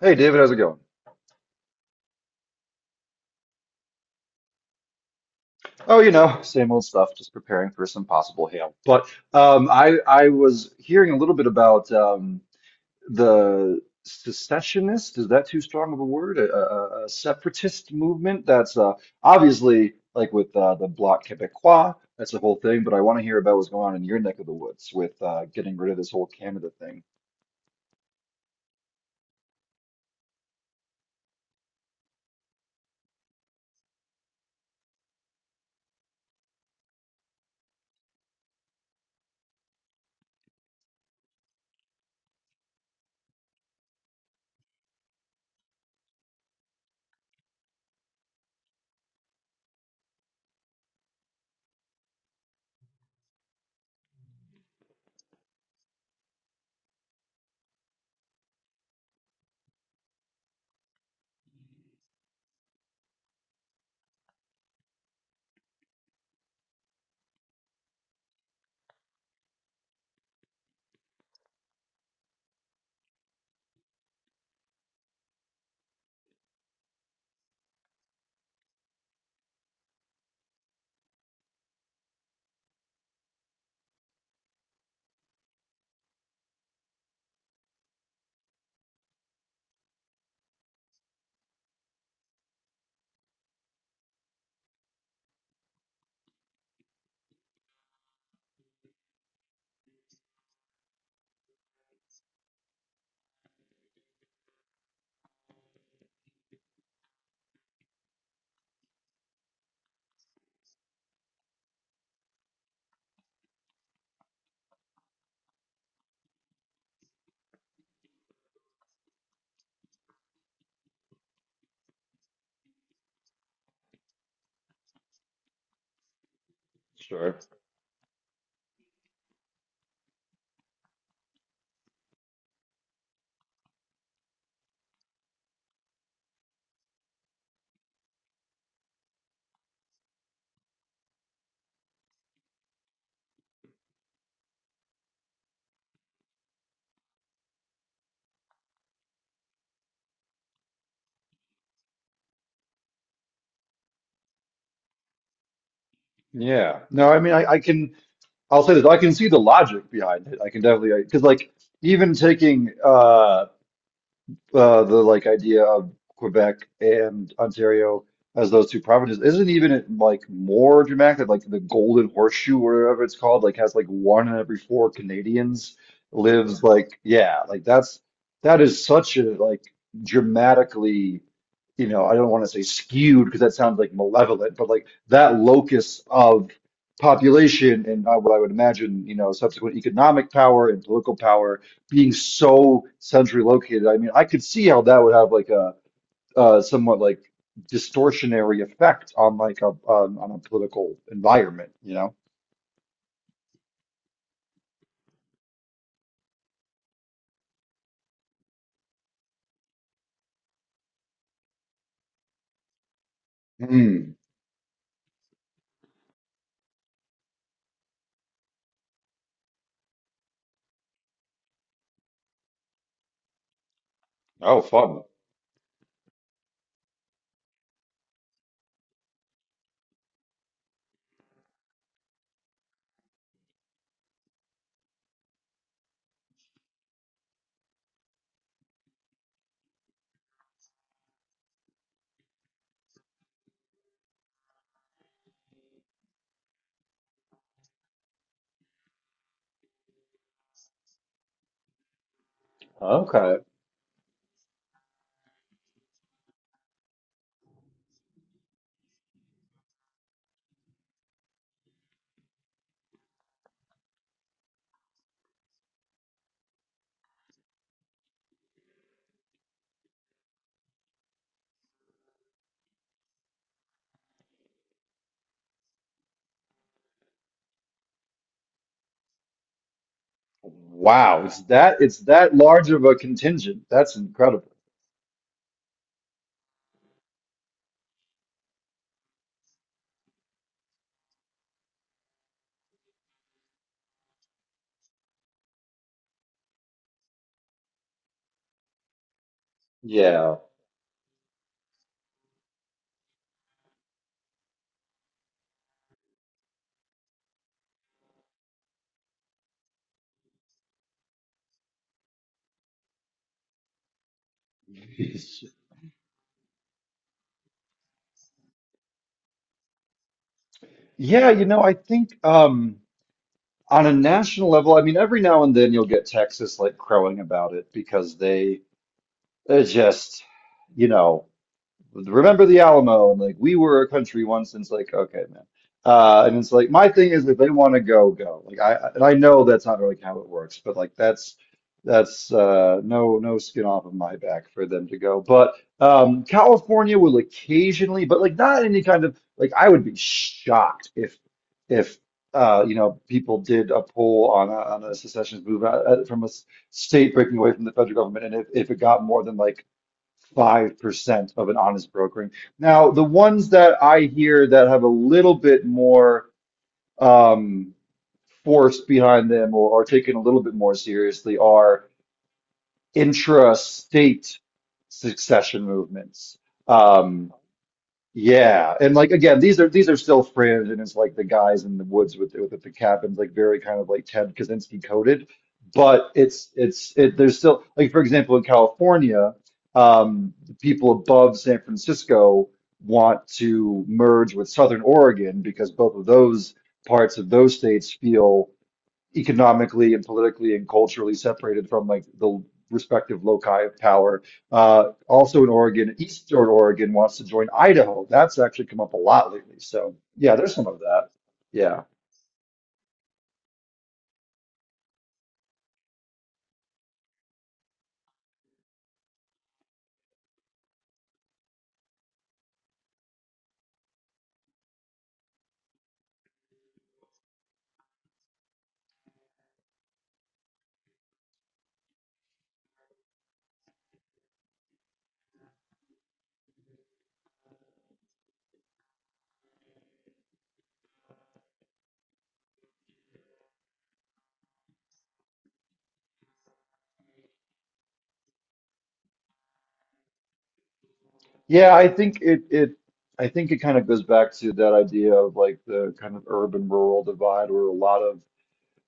Hey David, how's it going? Oh, you know, same old stuff, just preparing for some possible hail. But I was hearing a little bit about the secessionist. Is that too strong of a word? A separatist movement that's obviously like with the Bloc Québécois. That's the whole thing. But I want to hear about what's going on in your neck of the woods with getting rid of this whole Canada thing. Sure. Yeah. No, I mean, I can. I'll say this. I can see the logic behind it. I can definitely, because like even taking the, like, idea of Quebec and Ontario as those two provinces, isn't even it, like, more dramatic that like the Golden Horseshoe or whatever it's called, like, has like one in every four Canadians lives? Like, yeah, like that's, that is such a like dramatically, you know, I don't want to say skewed because that sounds like malevolent, but like that locus of population and, what I would imagine, you know, subsequent economic power and political power being so centrally located. I mean, I could see how that would have like a somewhat like distortionary effect on like a on a political environment, you know? Hmm. Oh, fun. Okay. Wow. It's that, it's that large of a contingent. That's incredible. Yeah. Yeah, you know, I think on a national level, I mean, every now and then you'll get Texas like crowing about it because they they're just, you know. Remember the Alamo and like we were a country once, and it's like, okay man, and it's like my thing is if they want to go, go. Like, I, and I know that's not really how it works, but like that's no, no skin off of my back for them to go. But California will occasionally, but like not any kind of like, I would be shocked if if you know, people did a poll on a secessionist move out, from a state breaking away from the federal government, and if it got more than like 5% of an honest brokering. Now, the ones that I hear that have a little bit more um, force behind them, or are taken a little bit more seriously, are intra-state succession movements. Um, yeah, and like again, these are, these are still fringe, and it's like the guys in the woods with the cabins, like very kind of like Ted Kaczynski coded. But it's it. There's still, like, for example in California, the people above San Francisco want to merge with Southern Oregon because both of those parts of those states feel economically and politically and culturally separated from like the respective loci of power. Also in Oregon, Eastern Oregon wants to join Idaho. That's actually come up a lot lately. So yeah, there's some of that. Yeah. Yeah, I think it I think it kind of goes back to that idea of like the kind of urban rural divide where a lot of,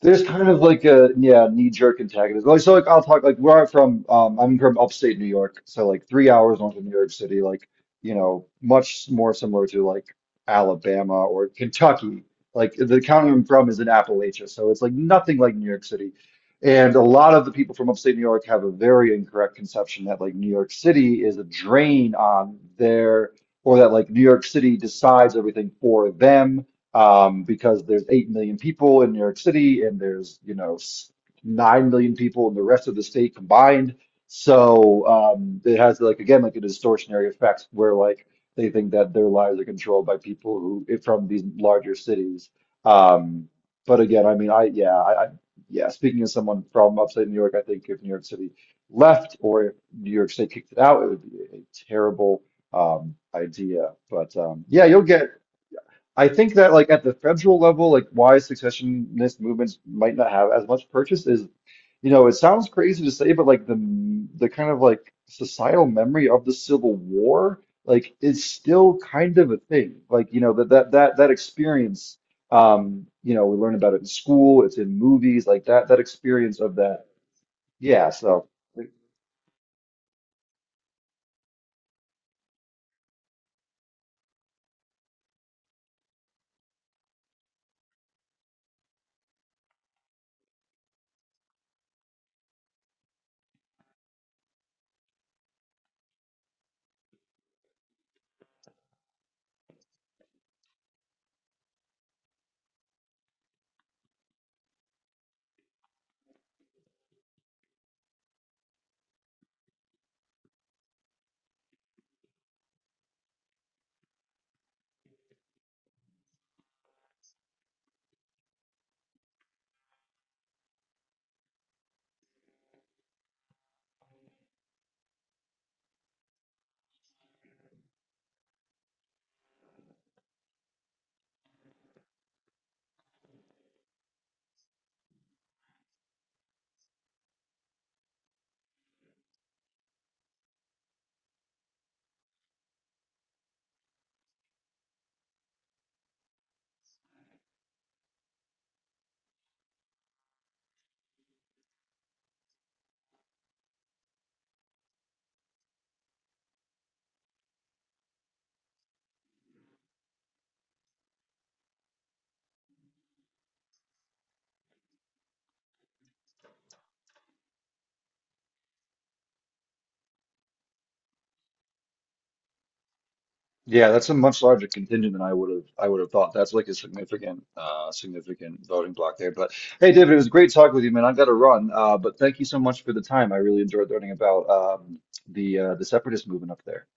there's kind of like a yeah knee-jerk antagonism. Like, so, like I'll talk like where I'm from. I'm from upstate New York, so like 3 hours north of New York City. Like, you know, much more similar to like Alabama or Kentucky. Like the county I'm from is in Appalachia, so it's like nothing like New York City. And a lot of the people from upstate New York have a very incorrect conception that like New York City is a drain on their, or that like New York City decides everything for them, because there's 8 million people in New York City, and there's, you know, 9 million people in the rest of the state combined. So it has, like, again, like a distortionary effect where like they think that their lives are controlled by people who from these larger cities. Um, but again, I mean, I, yeah, speaking as someone from upstate New York, I think if New York City left, or if New York State kicked it out, it would be a terrible idea. But yeah, you'll get, I think that like at the federal level, like why secessionist movements might not have as much purchase is, you know, it sounds crazy to say, but like the kind of like societal memory of the Civil War, like, is still kind of a thing. Like, you know, that experience, you know, we learn about it in school, it's in movies, like that experience of that. Yeah, so like, yeah, that's a much larger contingent than I would have thought. That's like a significant significant voting block there. But hey, David, it was great talking with you, man. I got to run. But thank you so much for the time. I really enjoyed learning about the separatist movement up there.